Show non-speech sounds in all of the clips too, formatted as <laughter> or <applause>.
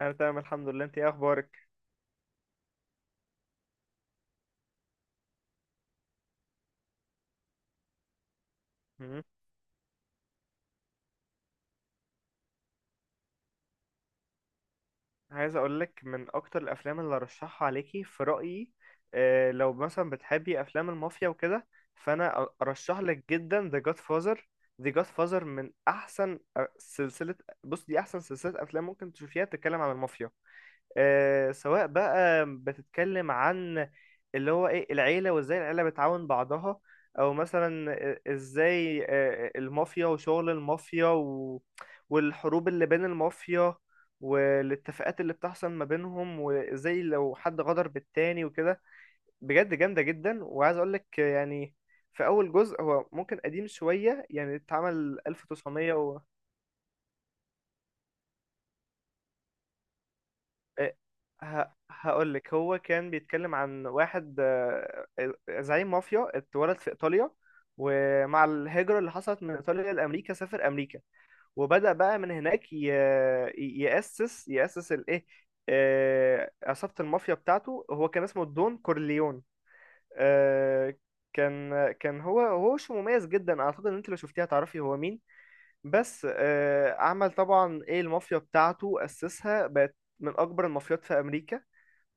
انا تمام الحمد لله، انت ايه اخبارك؟ مم. عايز اقول لك من اكتر الافلام اللي ارشحها عليكي في رايي. لو مثلا بتحبي افلام المافيا وكده، فانا ارشح لك جدا The Godfather. The Godfather من احسن سلسله. بص، دي احسن سلسله افلام ممكن تشوفيها تتكلم عن المافيا. سواء بقى بتتكلم عن اللي هو ايه العيلة وازاي العيلة بتعاون بعضها، او مثلا ازاي المافيا وشغل المافيا والحروب اللي بين المافيا، والاتفاقات اللي بتحصل ما بينهم، وازاي لو حد غدر بالتاني وكده. بجد جامدة جدا، وعايز اقولك يعني في اول جزء هو ممكن قديم شوية، يعني اتعمل 1900 إيه، هقول لك هو كان بيتكلم عن واحد زعيم مافيا اتولد في ايطاليا، ومع الهجرة اللي حصلت من ايطاليا لامريكا سافر امريكا وبدأ بقى من هناك يأسس الايه، عصابة المافيا بتاعته. هو كان اسمه دون كورليون. آه، كان هو شو مميز جدا، اعتقد ان انت لو شفتيه هتعرفي هو مين. بس عمل طبعا ايه، المافيا بتاعته أسسها، بقت من اكبر المافيات في امريكا.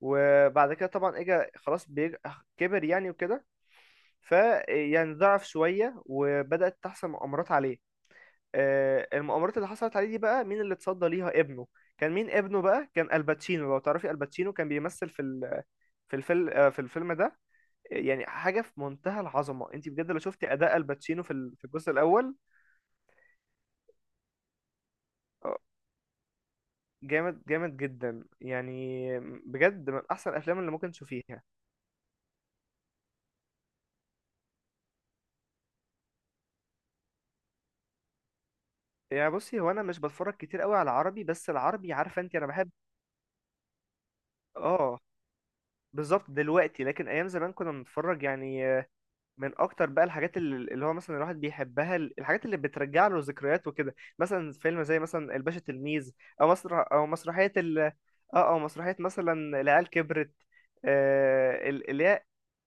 وبعد كده طبعا اجى خلاص كبر يعني وكده، فيعني ضعف شوية وبدأت تحصل مؤامرات عليه. المؤامرات اللي حصلت عليه دي بقى مين اللي اتصدى ليها؟ ابنه. كان مين ابنه بقى؟ كان الباتشينو. لو تعرفي، الباتشينو كان بيمثل في في الفيلم، في الفيلم ده يعني حاجة في منتهى العظمة. انت بجد لو شفتي أداء الباتشينو في في الجزء الأول، آه، جامد جامد جدا، يعني بجد من أحسن الأفلام اللي ممكن تشوفيها. يعني بصي، هو انا مش بتفرج كتير قوي على العربي، بس العربي عارفه انت انا بحب. اه بالظبط دلوقتي، لكن ايام زمان كنا بنتفرج يعني. من اكتر بقى الحاجات اللي هو مثلا الواحد بيحبها، الحاجات اللي بترجع له ذكريات وكده، مثلا فيلم زي مثلا الباشا تلميذ، او مسرح او مسرحيه ال اه او مسرحيه مثلا العيال كبرت. اللي هي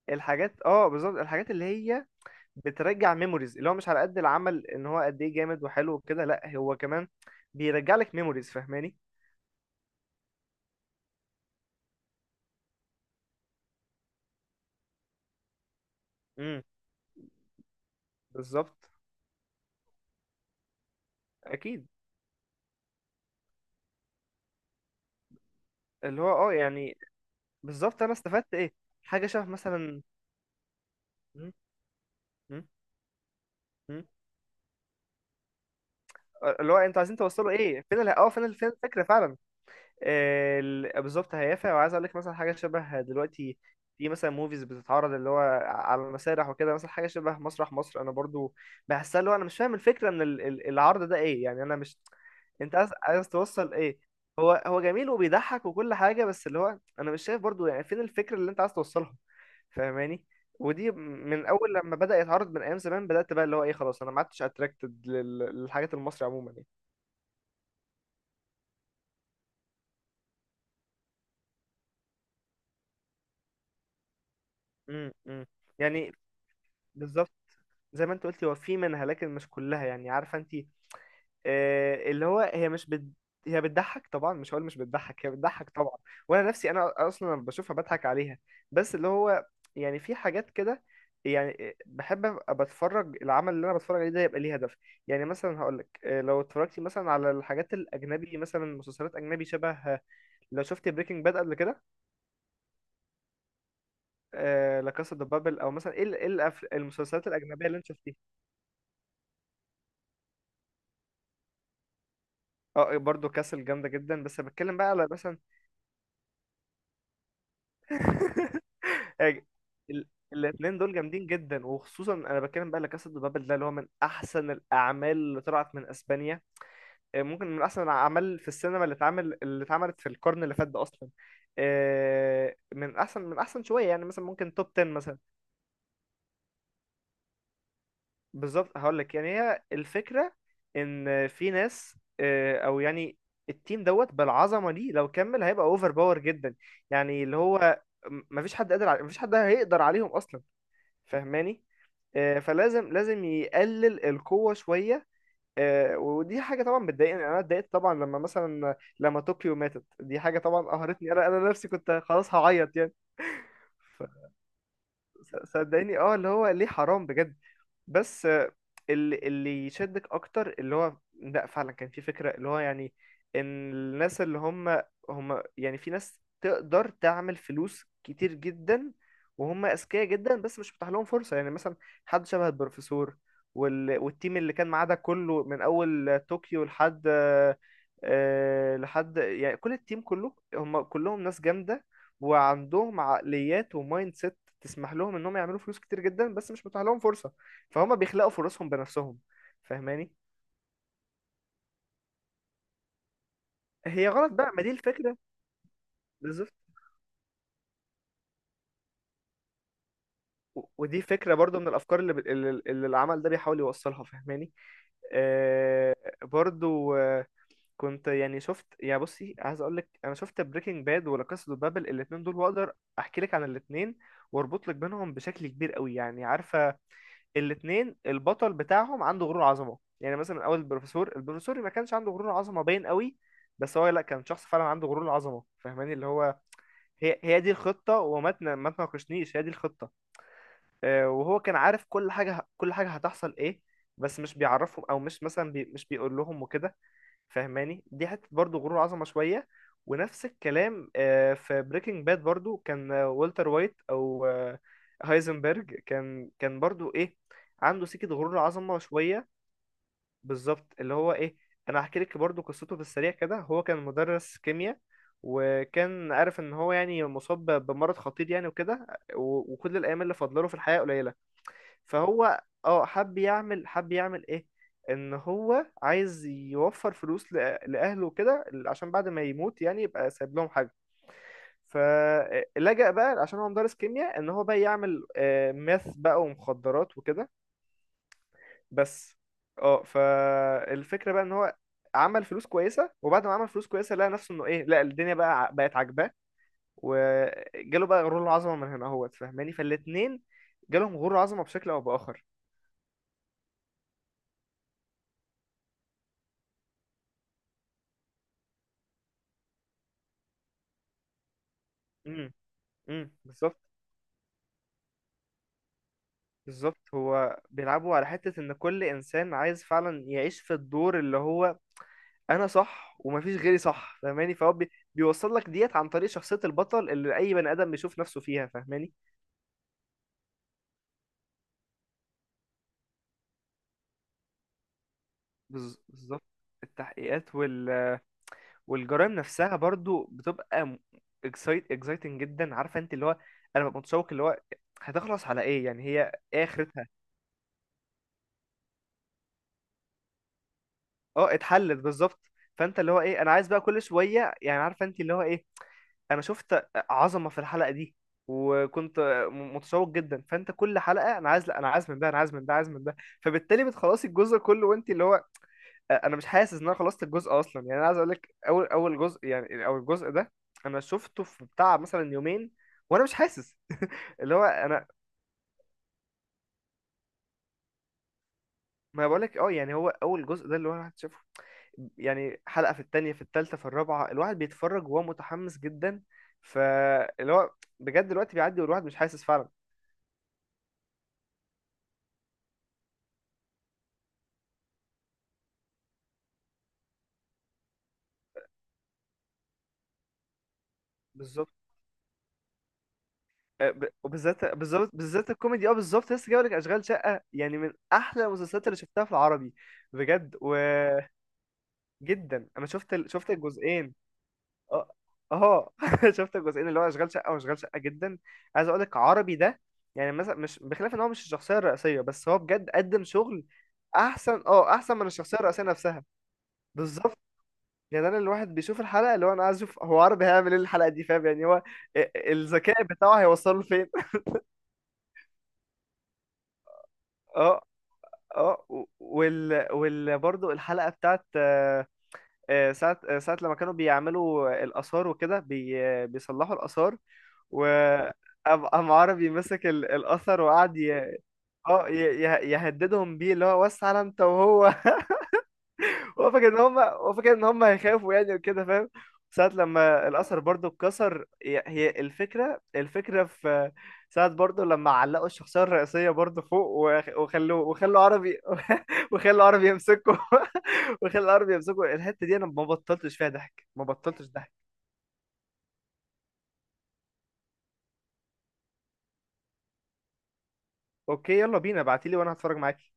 الحاجات، اه بالظبط، الحاجات اللي هي بترجع ميموريز، اللي هو مش على قد العمل ان هو قد ايه جامد وحلو وكده، لا هو كمان بيرجع لك ميموريز. فاهماني؟ امم بالظبط. اكيد. اللي هو اه يعني بالظبط، انا استفدت ايه؟ حاجه شبه مثلا م- م- م- اللي هو انتوا عايزين توصلوا ايه؟ فين اه فين فين الفكره فعلا. بالظبط هيافع. وعايز اقول لك مثلا حاجه شبه دلوقتي، في مثلا موفيز بتتعرض اللي هو على المسارح وكده، مثلا حاجه شبه مسرح مصر. انا برضو بحسها، اللي هو انا مش فاهم الفكره من العرض ده ايه يعني. انا مش... انت عايز توصل ايه؟ هو هو جميل وبيضحك وكل حاجه، بس اللي هو انا مش شايف برضو يعني فين الفكره اللي انت عايز توصلها. فاهماني؟ ودي من اول لما بدأ يتعرض من ايام زمان، بدأت بقى اللي هو ايه خلاص، انا ما عدتش اتراكتد للحاجات المصري عموما يعني. امم يعني بالظبط. زي ما انت قلتي، هو في منها لكن مش كلها يعني، عارفه انت. اللي هو هي مش بت... هي بتضحك طبعا، مش هقول مش بتضحك، هي بتضحك طبعا. وانا نفسي، انا اصلا لما بشوفها بضحك عليها. بس اللي هو يعني في حاجات كده، يعني بحب ابقى بتفرج العمل اللي انا بتفرج عليه ده يبقى ليه هدف. يعني مثلا هقول لك لو اتفرجتي مثلا على الحاجات الاجنبي، مثلا مسلسلات اجنبي شبه لو شفتي بريكنج باد قبل كده. لا كاسا دي بابل، او مثلا ايه المسلسلات الاجنبيه اللي انت شفتيها. اه برضه كاسل جامده جدا، بس بتكلم بقى على مثلا... <laughs> ال- الاتنين دول جامدين جدا، وخصوصا انا بتكلم بقى لكاسا دي بابل ده، اللي هو من احسن الاعمال اللي طلعت من اسبانيا. ممكن من احسن الاعمال في السينما اللي اتعمل اللي اتعملت في القرن اللي فات ده اصلا. من احسن شويه يعني، مثلا ممكن توب 10 مثلا. بالظبط. هقول لك يعني هي الفكره، ان في ناس او يعني التيم دوت بالعظمه دي لو كمل هيبقى اوفر باور جدا، يعني اللي هو مفيش حد قادر على... مفيش حد هيقدر عليهم اصلا. فاهماني؟ فلازم يقلل القوة شوية. ودي حاجة طبعا بتضايقني، أنا اتضايقت طبعا لما مثلا لما طوكيو ماتت، دي حاجة طبعا قهرتني، أنا نفسي كنت خلاص هعيط يعني. ف- صدقني اه، اللي هو ليه؟ حرام بجد. بس اللي يشدك اكتر اللي هو لا، فعلا كان في فكرة، اللي هو يعني ان الناس اللي هم هم يعني، في ناس تقدر تعمل فلوس كتير جدا وهم اذكياء جدا بس مش متاح لهم فرصة. يعني مثلا حد شبه البروفيسور والتيم اللي كان معاه ده كله، من اول طوكيو لحد لحد يعني، كل التيم كله هم كلهم ناس جامدة. وعندهم عقليات ومايند سيت تسمح لهم انهم يعملوا فلوس كتير جدا بس مش متاح لهم فرصة، فهم بيخلقوا فرصهم بنفسهم. فاهماني؟ هي غلط بقى، ما دي الفكرة. بالظبط. ودي فكرة برضو من الأفكار اللي العمل ده بيحاول يوصلها. فاهماني؟ آه برضو آه. كنت يعني شفت يعني. بصي عايز أقول لك، أنا شفت بريكنج باد ولا قصة بابل الاتنين دول، وأقدر أحكي لك عن الاتنين وأربط لك بينهم بشكل كبير قوي. يعني عارفة، الاتنين البطل بتاعهم عنده غرور عظمة. يعني مثلا أول البروفيسور، ما كانش عنده غرور عظمة باين قوي، بس هو لا، كان شخص فعلا عنده غرور عظمة. فاهماني؟ اللي هو هي دي الخطة وما ما تناقشنيش، هي دي الخطة. وهو كان عارف كل حاجة، كل حاجة هتحصل ايه، بس مش بيعرفهم، او مش مثلا مش بيقول لهم وكده. فاهماني؟ دي حتة برضو غرور عظمة شوية. ونفس الكلام في بريكنج باد برضو كان والتر وايت، او هايزنبرج، كان برضو ايه، عنده سكة غرور عظمة شوية. بالظبط. اللي هو ايه، انا هحكي لك برضو قصته في السريع كده. هو كان مدرس كيمياء، وكان عارف ان هو يعني مصاب بمرض خطير يعني وكده. وكل الايام اللي فاضله له في الحياه قليله، فهو اه حب يعمل ايه، ان هو عايز يوفر فلوس لاهله وكده، عشان بعد ما يموت يعني يبقى سايب لهم حاجه. فلجأ بقى، عشان هو مدرس كيمياء، ان هو بقى يعمل ماث بقى ومخدرات وكده بس. اه فالفكره بقى ان هو عمل فلوس كويسه، وبعد ما عمل فلوس كويسه لقى نفسه انه ايه، لا الدنيا بقى بقت عاجباه، وجاله بقى غرور العظمه من هنا اهوت. فاهماني؟ فالاتنين جالهم غرور عظمه بشكل او باخر. امم. امم بالظبط بالظبط. هو بيلعبوا على حته ان كل انسان عايز فعلا يعيش في الدور اللي هو، انا صح ومفيش غيري صح. فاهماني؟ فهو بيوصل لك ديت عن طريق شخصيه البطل اللي اي بني ادم بيشوف نفسه فيها. فاهماني؟ بالظبط. التحقيقات والجرائم نفسها برضو بتبقى اكسايتنج جدا. عارفه انت اللي هو انا ببقى متشوق، اللي هو هتخلص على ايه يعني، هي ايه اخرتها. اه اتحلت، بالظبط. فانت اللي هو ايه، انا عايز بقى كل شويه، يعني عارفه انت اللي هو ايه، انا شفت عظمه في الحلقه دي وكنت متشوق جدا. فانت كل حلقه انا عايز لا، انا عايز من ده، انا عايز من ده، عايز من ده. فبالتالي بتخلصي الجزء كله وانت اللي هو انا مش حاسس ان انا خلصت الجزء اصلا. يعني انا عايز اقول لك اول جزء يعني، او الجزء ده انا شفته في بتاع مثلا يومين، وانا مش حاسس <laughs> اللي هو انا... ما بقول لك، اه يعني هو اول جزء ده، اللي هو الواحد شافه يعني، حلقة في التانية في التالتة في الرابعة، الواحد بيتفرج وهو متحمس جدا. فاللي هو بجد الوقت بيعدي والواحد مش حاسس فعلا. بالظبط. وبالذات بالظبط، بالذات الكوميدي. اه بالظبط. لسه جايب لك اشغال شقه، يعني من احلى المسلسلات اللي شفتها في العربي، بجد. وجدا، انا شفت شفت الجزئين. اه اه <laughs> شفت الجزئين اللي هو اشغال شقه واشغال شقه جدا. عايز اقول لك عربي ده يعني مثلا، مش بخلاف ان هو مش الشخصيه الرئيسيه، بس هو بجد قدم شغل احسن، اه احسن من الشخصيه الرئيسيه نفسها. بالظبط. يعني انا الواحد بيشوف الحلقه اللي هو انا عايز اشوف هو عربي هيعمل ايه الحلقه دي، فاهم يعني هو الذكاء بتاعه هيوصله لفين. <laughs> اه. اه وال برضه الحلقه بتاعت ساعة ساعة لما كانوا بيعملوا الآثار وكده، بيصلحوا الآثار، وقام عربي مسك الأثر وقعد اه يهددهم بيه، اللي هو وسع على انت وهو. <laughs> هو فاكر ان هم هيخافوا يعني وكده، فاهم؟ ساعة لما الأثر برضو اتكسر، هي الفكرة. الفكرة في ساعة برضو لما علقوا الشخصية الرئيسية برضو فوق وخلوه، وخلوا عربي <laughs> وخلوا عربي يمسكه <laughs> وخلوا عربي يمسكه. الحتة دي أنا ما بطلتش فيها ضحك، ما بطلتش ضحك. أوكي، يلا بينا، ابعتيلي وأنا هتفرج معاكي.